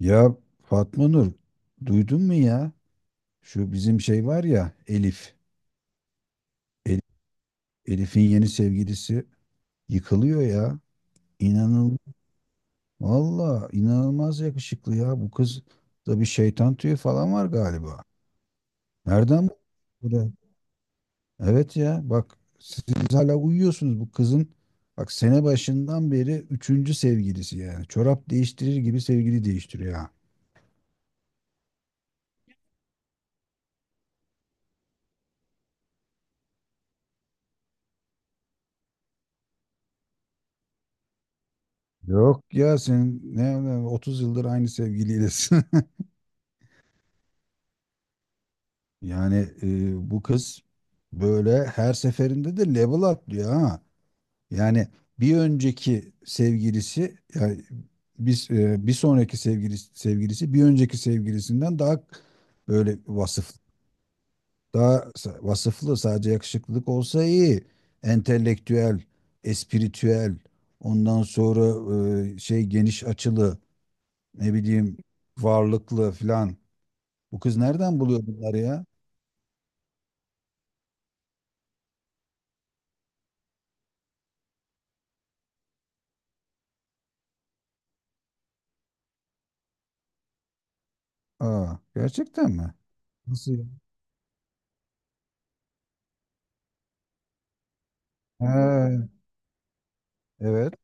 Ya, Fatma Nur, duydun mu ya? Şu bizim şey var ya, Elif. El- Elif'in yeni sevgilisi yıkılıyor ya. İnanıl Valla, inanılmaz yakışıklı ya. Bu kız da bir şeytan tüyü falan var galiba. Nereden bu? bu da- Evet ya, bak, siz hala uyuyorsunuz bu kızın. Bak, sene başından beri üçüncü sevgilisi yani. Çorap değiştirir gibi sevgili değiştiriyor ha. Yok ya, sen 30 yıldır aynı sevgiliylesin. Yani bu kız böyle her seferinde de level atlıyor ha. Yani bir önceki sevgilisi yani bir sonraki sevgilisi, bir önceki sevgilisinden daha böyle vasıflı, vasıflı, sadece yakışıklılık olsa iyi. Entelektüel, espiritüel, ondan sonra geniş açılı, ne bileyim, varlıklı filan. Bu kız nereden buluyor bunları ya? Aa, gerçekten mi? Nasıl? He, evet.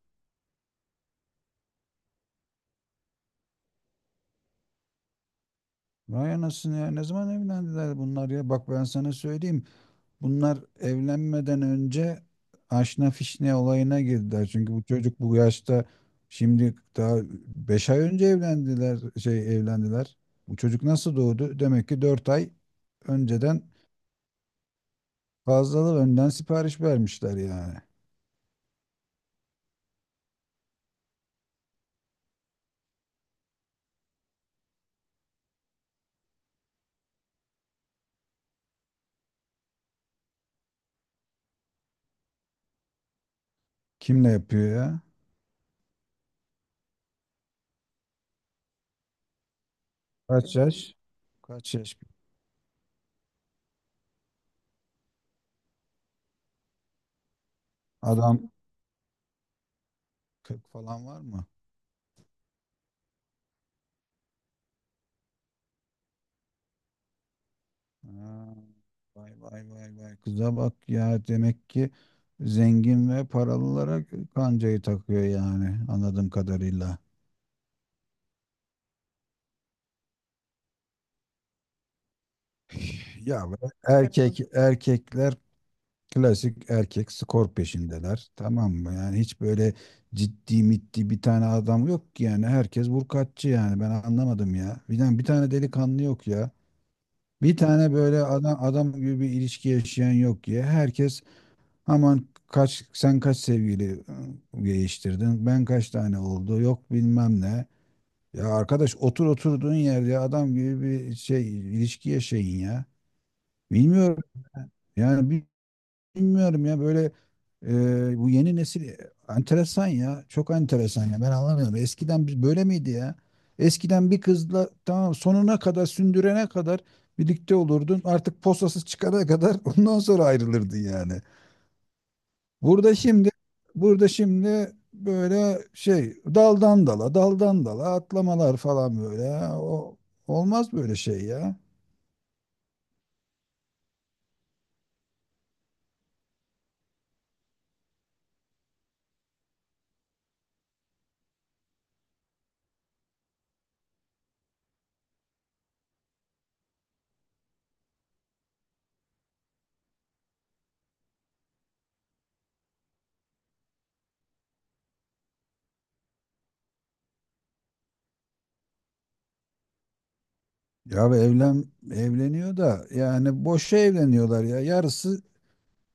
Vay anasını ya. Ne zaman evlendiler bunlar ya? Bak, ben sana söyleyeyim. Bunlar evlenmeden önce aşna fişne olayına girdiler. Çünkü bu çocuk bu yaşta şimdi daha 5 ay önce evlendiler, evlendiler. Bu çocuk nasıl doğdu? Demek ki 4 ay önceden önden sipariş vermişler yani. Kimle yapıyor ya? Kaç yaş? Kaç yaş? Adam 40 falan var mı? Ha, vay vay vay vay, kıza bak ya, demek ki zengin ve paralılara kancayı takıyor yani, anladığım kadarıyla. Ya, böyle erkekler klasik, erkek skor peşindeler, tamam mı? Yani hiç böyle ciddi mitti bir tane adam yok ki yani, herkes vurkaççı yani, ben anlamadım ya. Bir tane, bir tane delikanlı yok ya. Bir tane böyle adam adam gibi bir ilişki yaşayan yok ya. Herkes aman, kaç, sen kaç sevgili değiştirdin? Ben kaç tane oldu? Yok, bilmem ne. Ya arkadaş, otur oturduğun yerde adam gibi bir şey, ilişki yaşayın ya. Bilmiyorum. Yani bilmiyorum ya, böyle bu yeni nesil enteresan ya. Çok enteresan ya. Ben anlamıyorum. Eskiden biz böyle miydi ya? Eskiden bir kızla, tamam, sonuna kadar, sündürene kadar birlikte olurdun. Artık posasız çıkana kadar ondan sonra ayrılırdın yani. Burada şimdi burada şimdi böyle şey, daldan dala, daldan dala atlamalar falan, böyle o olmaz böyle şey ya. Ya bu evlen evleniyor da yani, boşa evleniyorlar ya. Yarısı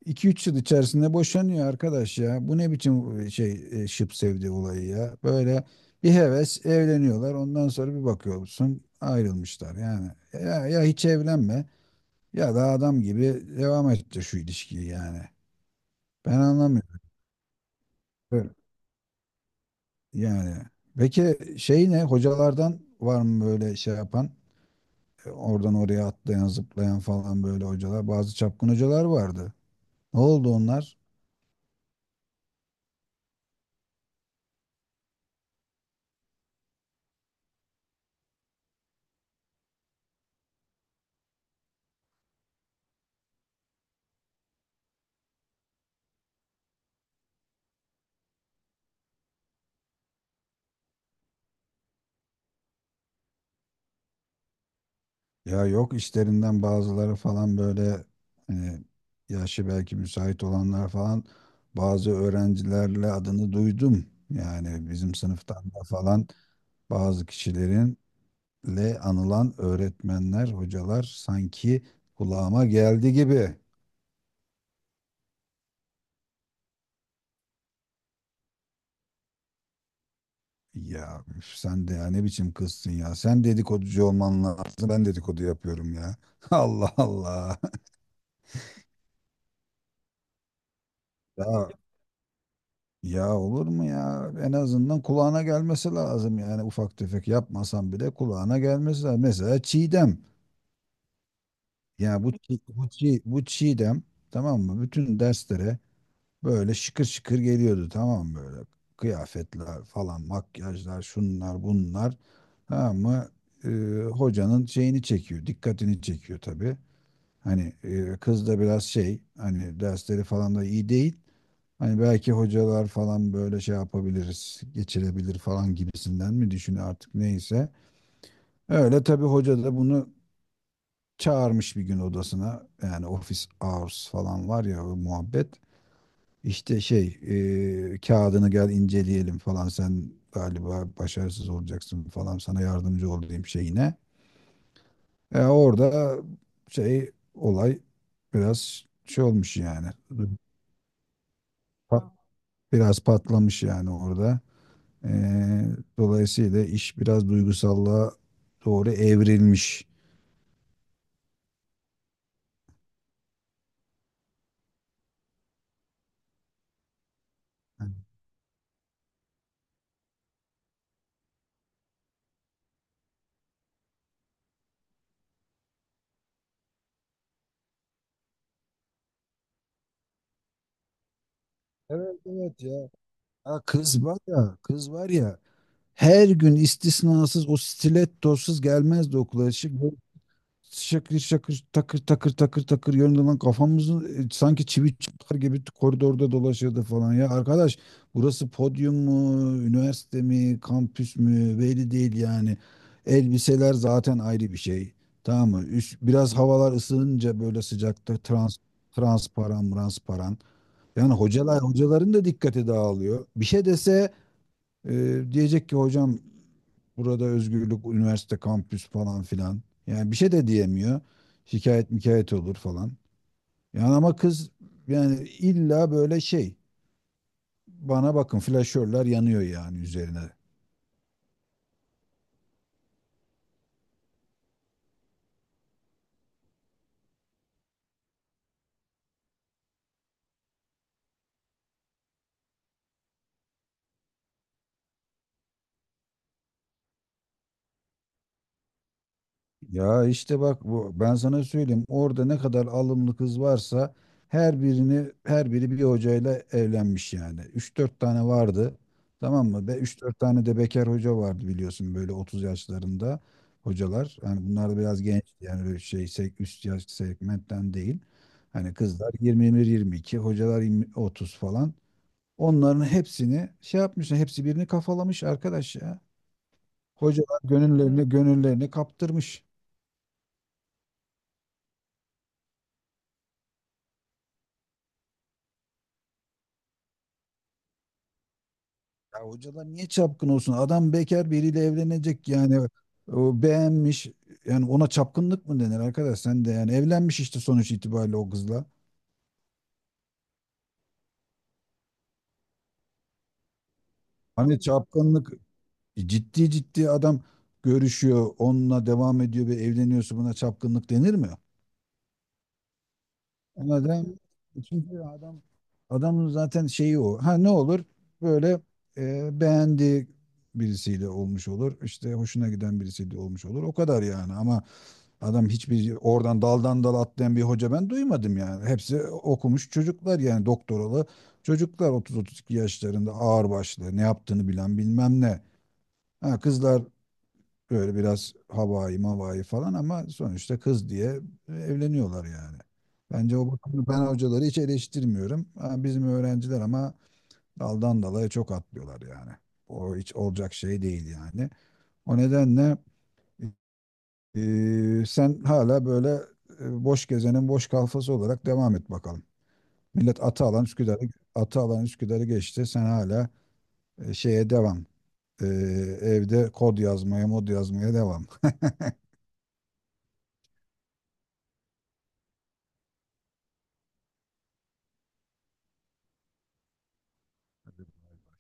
2-3 yıl içerisinde boşanıyor arkadaş ya. Bu ne biçim şıp sevdi olayı ya. Böyle bir heves evleniyorlar. Ondan sonra bir bakıyorsun ayrılmışlar yani. Ya, ya hiç evlenme, ya da adam gibi devam etti şu ilişkiyi yani. Ben anlamıyorum. Evet. Yani, peki, ne hocalardan var mı böyle şey yapan? Oradan oraya atlayan, zıplayan falan, böyle hocalar, bazı çapkın hocalar vardı. Ne oldu onlar? Ya yok, işlerinden bazıları falan, böyle hani yaşı belki müsait olanlar falan, bazı öğrencilerle adını duydum. Yani bizim sınıftan da falan bazı kişilerinle anılan öğretmenler, hocalar sanki kulağıma geldi gibi. Ya üf, sen de ya, ne biçim kızsın ya. Sen dedikoducu olman lazım. Ben dedikodu yapıyorum ya. Allah Allah. Ya, ya olur mu ya? En azından kulağına gelmesi lazım yani, ufak tefek yapmasan bile kulağına gelmesi lazım. Mesela Çiğdem. Ya bu Çiğdem, tamam mı? Bütün derslere böyle şıkır şıkır geliyordu, tamam mı böyle? Kıyafetler falan, makyajlar, şunlar, bunlar. Tamam mı? Ee, hocanın şeyini çekiyor, dikkatini çekiyor tabii. Hani kız da biraz şey, hani dersleri falan da iyi değil. Hani belki hocalar falan böyle şey yapabiliriz, geçirebilir falan gibisinden mi düşünüyor artık, neyse. Öyle tabii, hoca da bunu çağırmış bir gün odasına. Yani office hours falan var ya, o muhabbet. İşte kağıdını gel inceleyelim falan, sen galiba başarısız olacaksın falan, sana yardımcı olayım şeyine. Orada olay biraz şey olmuş yani. Biraz patlamış yani orada. Ee, dolayısıyla iş biraz duygusallığa doğru evrilmiş. Evet, evet ya. Ha, kız var ya, kız var ya. Her gün istisnasız o stilettosuz gelmezdi okula. Şakır şakır, takır takır takır takır yönünden kafamızın sanki çivi çakar gibi koridorda dolaşırdı falan ya. Arkadaş, burası podyum mu, üniversite mi, kampüs mü, belli değil yani. Elbiseler zaten ayrı bir şey. Tamam mı? Üst, biraz havalar ısınınca böyle sıcakta transparan transparan. Yani hocalar, da dikkati dağılıyor. Bir şey dese diyecek ki hocam, burada özgürlük, üniversite, kampüs falan filan. Yani bir şey de diyemiyor. Şikayet mikayet olur falan. Yani ama kız, yani illa böyle şey, bana bakın, flaşörler yanıyor yani üzerine. Ya işte bak, bu ben sana söyleyeyim, orada ne kadar alımlı kız varsa her biri bir hocayla evlenmiş yani. 3-4 tane vardı. Tamam mı? Ve 3-4 tane de bekar hoca vardı, biliyorsun, böyle 30 yaşlarında hocalar. Yani bunlar da biraz genç yani, böyle şey, üst yaş segmentten değil. Hani kızlar 21, 22, hocalar 20 30 falan. Onların hepsini şey yapmışlar, hepsi birini kafalamış arkadaş ya. Hocalar gönüllerini kaptırmış. Ya hocalar niye çapkın olsun? Adam bekar biriyle evlenecek yani. O beğenmiş. Yani ona çapkınlık mı denir arkadaş? Sen de yani evlenmiş işte sonuç itibariyle o kızla. Hani çapkınlık, ciddi ciddi adam görüşüyor, onunla devam ediyor ve evleniyorsa buna çapkınlık denir mi? Ona den Çünkü adam, adamın zaten şeyi o. Ha, ne olur? Böyle beğendiği birisiyle olmuş olur. İşte hoşuna giden birisiyle olmuş olur. O kadar yani ama adam, hiçbir oradan daldan dala atlayan bir hoca ben duymadım yani. Hepsi okumuş çocuklar yani, doktoralı çocuklar 30-32 yaşlarında, ağırbaşlı, ne yaptığını bilen, bilmem ne. Ha, kızlar böyle biraz havai mavai falan, ama sonuçta kız diye evleniyorlar yani. Bence o bakımda ben hocaları hiç eleştirmiyorum. Ha, bizim öğrenciler ama daldan dalaya çok atlıyorlar yani. O hiç olacak şey değil yani. O nedenle sen hala böyle boş gezenin boş kalfası olarak devam et bakalım. Millet atı alan Üsküdar'ı geçti. Sen hala şeye devam. Ee, evde kod yazmaya, mod yazmaya devam. Hadi, bay bay.